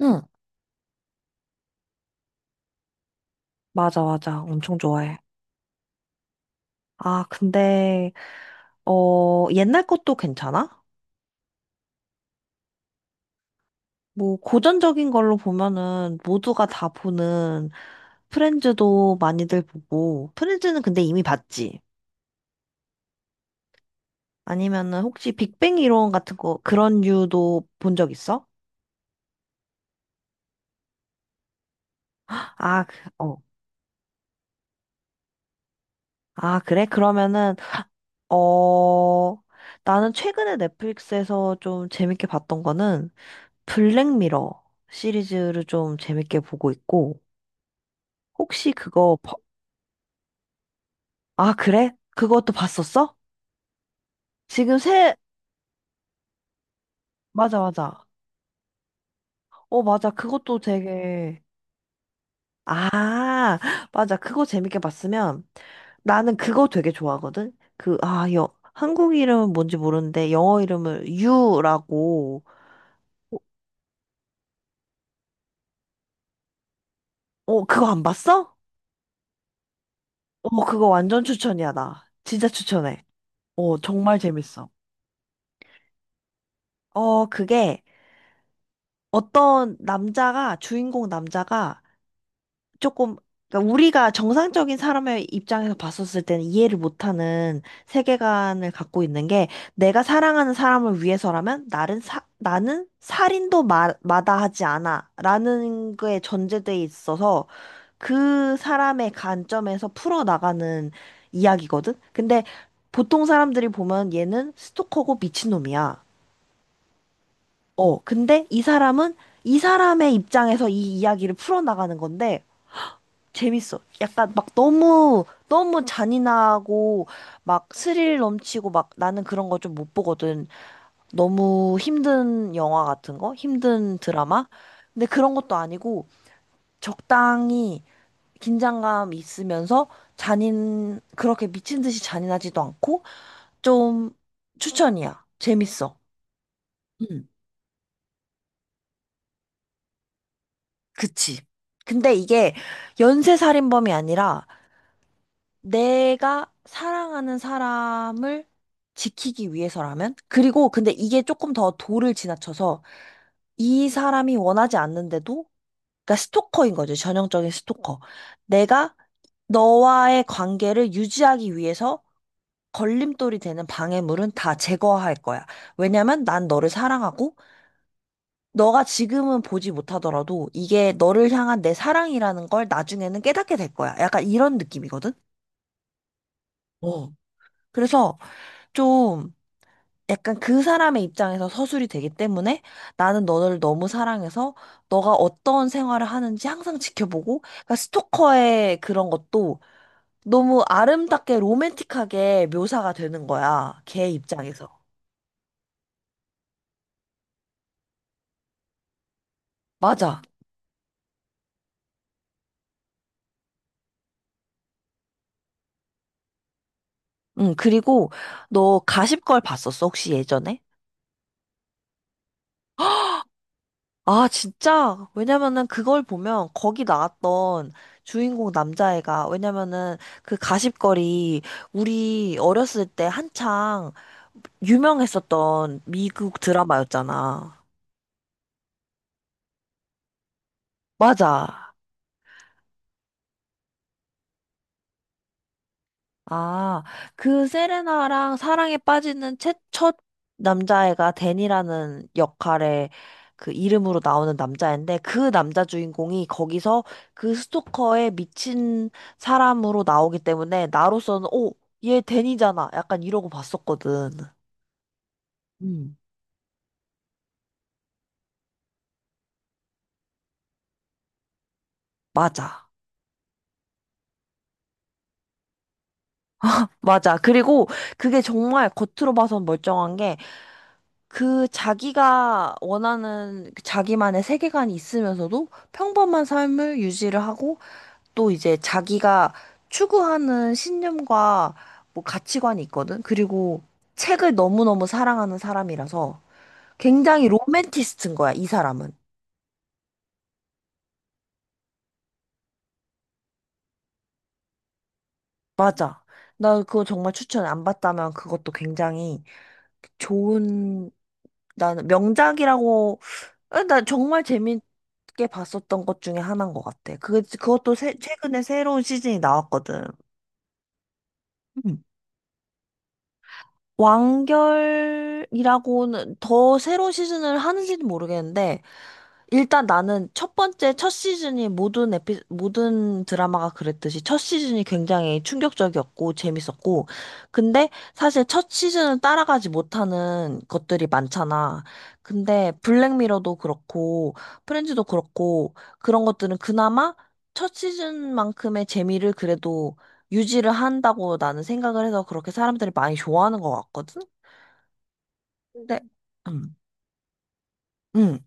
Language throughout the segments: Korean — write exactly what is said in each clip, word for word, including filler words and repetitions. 응, 맞아, 맞아. 엄청 좋아해. 아, 근데, 어, 옛날 것도 괜찮아? 뭐, 고전적인 걸로 보면은 모두가 다 보는 프렌즈도 많이들 보고, 프렌즈는 근데 이미 봤지? 아니면은 혹시 빅뱅 이론 같은 거, 그런 류도 본 적 있어? 아, 그, 어. 아, 그래? 그러면은, 어, 나는 최근에 넷플릭스에서 좀 재밌게 봤던 거는 블랙미러 시리즈를 좀 재밌게 보고 있고, 혹시 그거 봐- 아 그래? 그것도 봤었어? 지금 새 맞아 맞아. 어 맞아 그것도 되게. 아 맞아, 그거 재밌게 봤으면 나는 그거 되게 좋아하거든. 그, 아 여 한국 이름은 뭔지 모르는데 영어 이름을 유라고. 어. 어, 그거 안 봤어? 어, 그거 완전 추천이야. 나 진짜 추천해. 어, 정말 재밌어. 어 그게, 어떤 남자가, 주인공 남자가 조금, 그러니까 우리가 정상적인 사람의 입장에서 봤었을 때는 이해를 못하는 세계관을 갖고 있는 게, 내가 사랑하는 사람을 위해서라면 나는 사, 나는 살인도 마, 마다하지 않아라는 거에 전제돼 있어서 그 사람의 관점에서 풀어나가는 이야기거든. 근데 보통 사람들이 보면 얘는 스토커고 미친놈이야. 어, 근데 이 사람은, 이 사람의 입장에서 이 이야기를 풀어나가는 건데 재밌어. 약간 막 너무, 너무 잔인하고, 막 스릴 넘치고, 막 나는 그런 거 좀 못 보거든. 너무 힘든 영화 같은 거? 힘든 드라마? 근데 그런 것도 아니고, 적당히 긴장감 있으면서 잔인, 그렇게 미친 듯이 잔인하지도 않고, 좀, 추천이야. 재밌어. 응, 그치. 근데 이게 연쇄살인범이 아니라, 내가 사랑하는 사람을 지키기 위해서라면? 그리고 근데 이게 조금 더 도를 지나쳐서 이 사람이 원하지 않는데도, 그러니까 스토커인 거죠. 전형적인 스토커. 내가 너와의 관계를 유지하기 위해서 걸림돌이 되는 방해물은 다 제거할 거야. 왜냐면 난 너를 사랑하고, 너가 지금은 보지 못하더라도 이게 너를 향한 내 사랑이라는 걸 나중에는 깨닫게 될 거야. 약간 이런 느낌이거든? 어. 그래서 좀, 약간 그 사람의 입장에서 서술이 되기 때문에, 나는 너를 너무 사랑해서 너가 어떤 생활을 하는지 항상 지켜보고, 그러니까 스토커의 그런 것도 너무 아름답게 로맨틱하게 묘사가 되는 거야. 걔 입장에서. 맞아. 응, 그리고 너 가십걸 봤었어? 혹시 예전에? 아, 진짜? 왜냐면은 그걸 보면 거기 나왔던 주인공 남자애가, 왜냐면은 그 가십걸이 우리 어렸을 때 한창 유명했었던 미국 드라마였잖아. 맞아. 아, 그 세레나랑 사랑에 빠지는 최, 첫 남자애가 데니라는 역할의 그 이름으로 나오는 남자인데, 그 남자 주인공이 거기서 그 스토커에 미친 사람으로 나오기 때문에 나로서는, 오, 얘 데니잖아, 약간 이러고 봤었거든. 음. 맞아. 맞아. 그리고 그게 정말 겉으로 봐선 멀쩡한 게, 그 자기가 원하는 그 자기만의 세계관이 있으면서도 평범한 삶을 유지를 하고, 또 이제 자기가 추구하는 신념과 뭐 가치관이 있거든. 그리고 책을 너무너무 사랑하는 사람이라서 굉장히 로맨티스트인 거야, 이 사람은. 맞아. 나 그거 정말 추천, 안 봤다면 그것도 굉장히 좋은, 나는 명작이라고, 아, 나 정말 재밌게 봤었던 것 중에 하나인 것 같아. 그, 그것도 새, 최근에 새로운 시즌이 나왔거든. 음. 완결이라고는 더 새로운 시즌을 하는지는 모르겠는데, 일단 나는 첫 번째, 첫 시즌이, 모든 에피, 모든 드라마가 그랬듯이 첫 시즌이 굉장히 충격적이었고 재밌었고, 근데 사실 첫 시즌을 따라가지 못하는 것들이 많잖아. 근데 블랙미러도 그렇고, 프렌즈도 그렇고, 그런 것들은 그나마 첫 시즌만큼의 재미를 그래도 유지를 한다고 나는 생각을 해서 그렇게 사람들이 많이 좋아하는 것 같거든? 근데, 음. 음.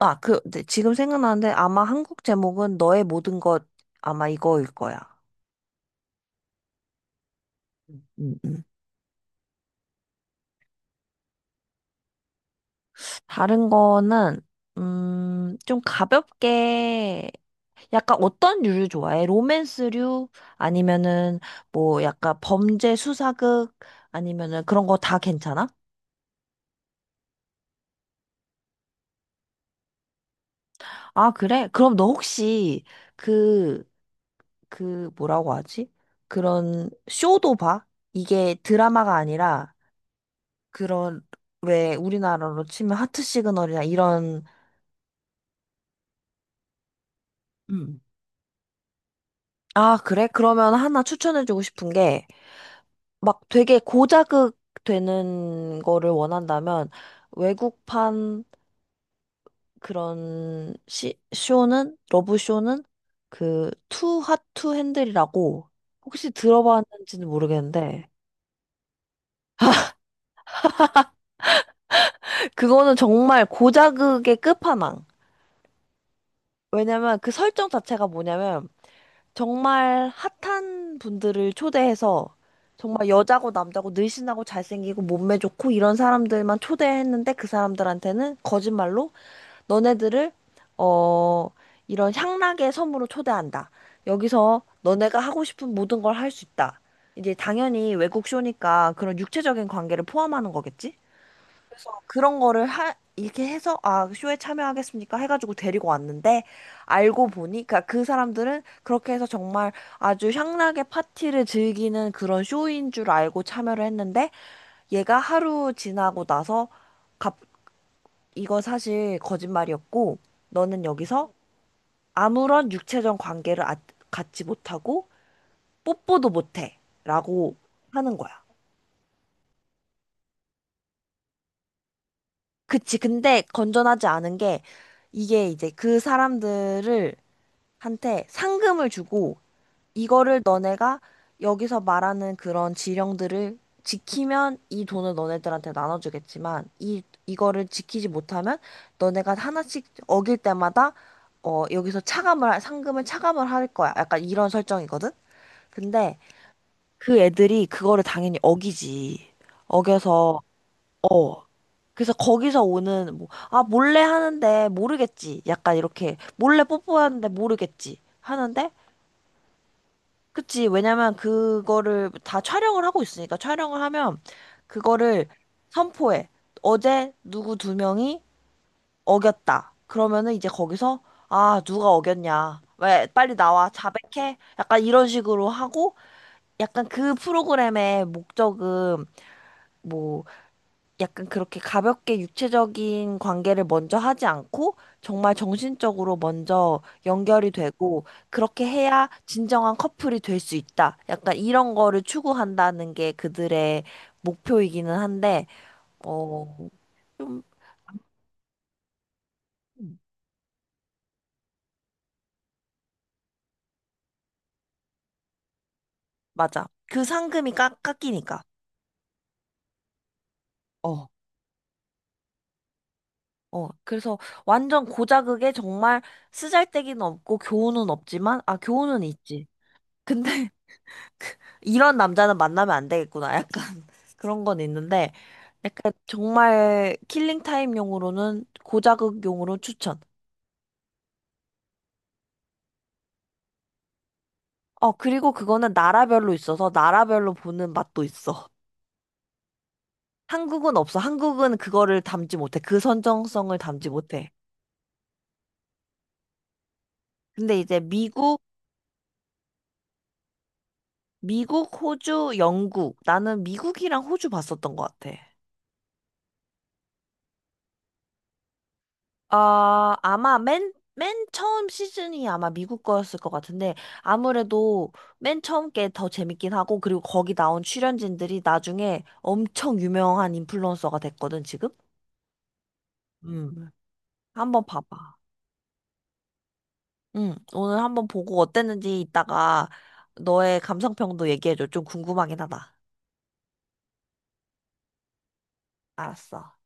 아, 그, 네, 지금 생각나는데 아마 한국 제목은 너의 모든 것, 아마 이거일 거야. 음, 음. 다른 거는, 음, 좀 가볍게, 약간 어떤 류를 좋아해? 로맨스류? 아니면은 뭐 약간 범죄 수사극? 아니면은 그런 거 다 괜찮아? 아, 그래? 그럼 너 혹시 그, 그 뭐라고 하지? 그런 쇼도 봐? 이게 드라마가 아니라 그런, 왜 우리나라로 치면 하트 시그널이나 이런. 음. 아, 그래? 그러면 하나 추천해주고 싶은 게, 막 되게 고자극 되는 거를 원한다면, 외국판 그런 시, 쇼는, 러브쇼는, 그, 투 핫투 핸들이라고, 혹시 들어봤는지는 모르겠는데, 그거는 정말 고자극의 끝판왕. 왜냐면 그 설정 자체가 뭐냐면, 정말 핫한 분들을 초대해서, 정말 여자고 남자고 늘씬하고 잘생기고 몸매 좋고 이런 사람들만 초대했는데, 그 사람들한테는 거짓말로, 너네들을 어 이런 향락의 섬으로 초대한다. 여기서 너네가 하고 싶은 모든 걸 할 수 있다. 이제 당연히 외국 쇼니까 그런 육체적인 관계를 포함하는 거겠지? 그런 거를 하, 이렇게 해서, 아, 쇼에 참여하겠습니까? 해가지고 데리고 왔는데, 알고 보니, 그니까 그 사람들은 그렇게 해서 정말 아주 향락의 파티를 즐기는 그런 쇼인 줄 알고 참여를 했는데, 얘가 하루 지나고 나서, 갑, 이거 사실 거짓말이었고, 너는 여기서 아무런 육체적 관계를 아- 갖지 못하고, 뽀뽀도 못해. 라고 하는 거야. 그치. 근데 건전하지 않은 게, 이게 이제 그 사람들을 한테 상금을 주고, 이거를 너네가 여기서 말하는 그런 지령들을 지키면 이 돈을 너네들한테 나눠주겠지만, 이 이거를 지키지 못하면 너네가 하나씩 어길 때마다, 어 여기서 차감을 할- 상금을 차감을 할 거야. 약간 이런 설정이거든. 근데 그 애들이 그거를 당연히 어기지. 어겨서, 어 그래서 거기서 오는, 뭐, 아 몰래 하는데 모르겠지. 약간 이렇게 몰래 뽀뽀하는데 모르겠지. 하는데. 그치. 왜냐면 그거를 다 촬영을 하고 있으니까, 촬영을 하면 그거를 선포해. 어제 누구 두 명이 어겼다. 그러면은 이제 거기서, 아, 누가 어겼냐. 왜 빨리 나와. 자백해. 약간 이런 식으로 하고, 약간 그 프로그램의 목적은, 뭐 약간 그렇게 가볍게 육체적인 관계를 먼저 하지 않고 정말 정신적으로 먼저 연결이 되고, 그렇게 해야 진정한 커플이 될 수 있다, 약간 이런 거를 추구한다는 게 그들의 목표이기는 한데, 어, 좀, 음, 맞아. 그 상금이 깎, 깎이니까. 어. 어, 그래서 완전 고자극에 정말 쓰잘데기는 없고 교훈은 없지만, 아, 교훈은 있지. 근데 이런 남자는 만나면 안 되겠구나. 약간 그런 건 있는데, 약간 정말 킬링 타임용으로는 고자극용으로 추천. 어, 그리고 그거는 나라별로 있어서 나라별로 보는 맛도 있어. 한국은 없어. 한국은 그거를 담지 못해. 그 선정성을 담지 못해. 근데 이제 미국, 미국, 호주, 영국. 나는 미국이랑 호주 봤었던 것 같아. 아, 아마 맨, 맨 처음 시즌이 아마 미국 거였을 것 같은데, 아무래도 맨 처음 게 더 재밌긴 하고, 그리고 거기 나온 출연진들이 나중에 엄청 유명한 인플루언서가 됐거든, 지금? 음, 한번 봐봐. 음, 오늘 한번 보고 어땠는지 이따가 너의 감상평도 얘기해줘. 좀 궁금하긴 하다. 알았어.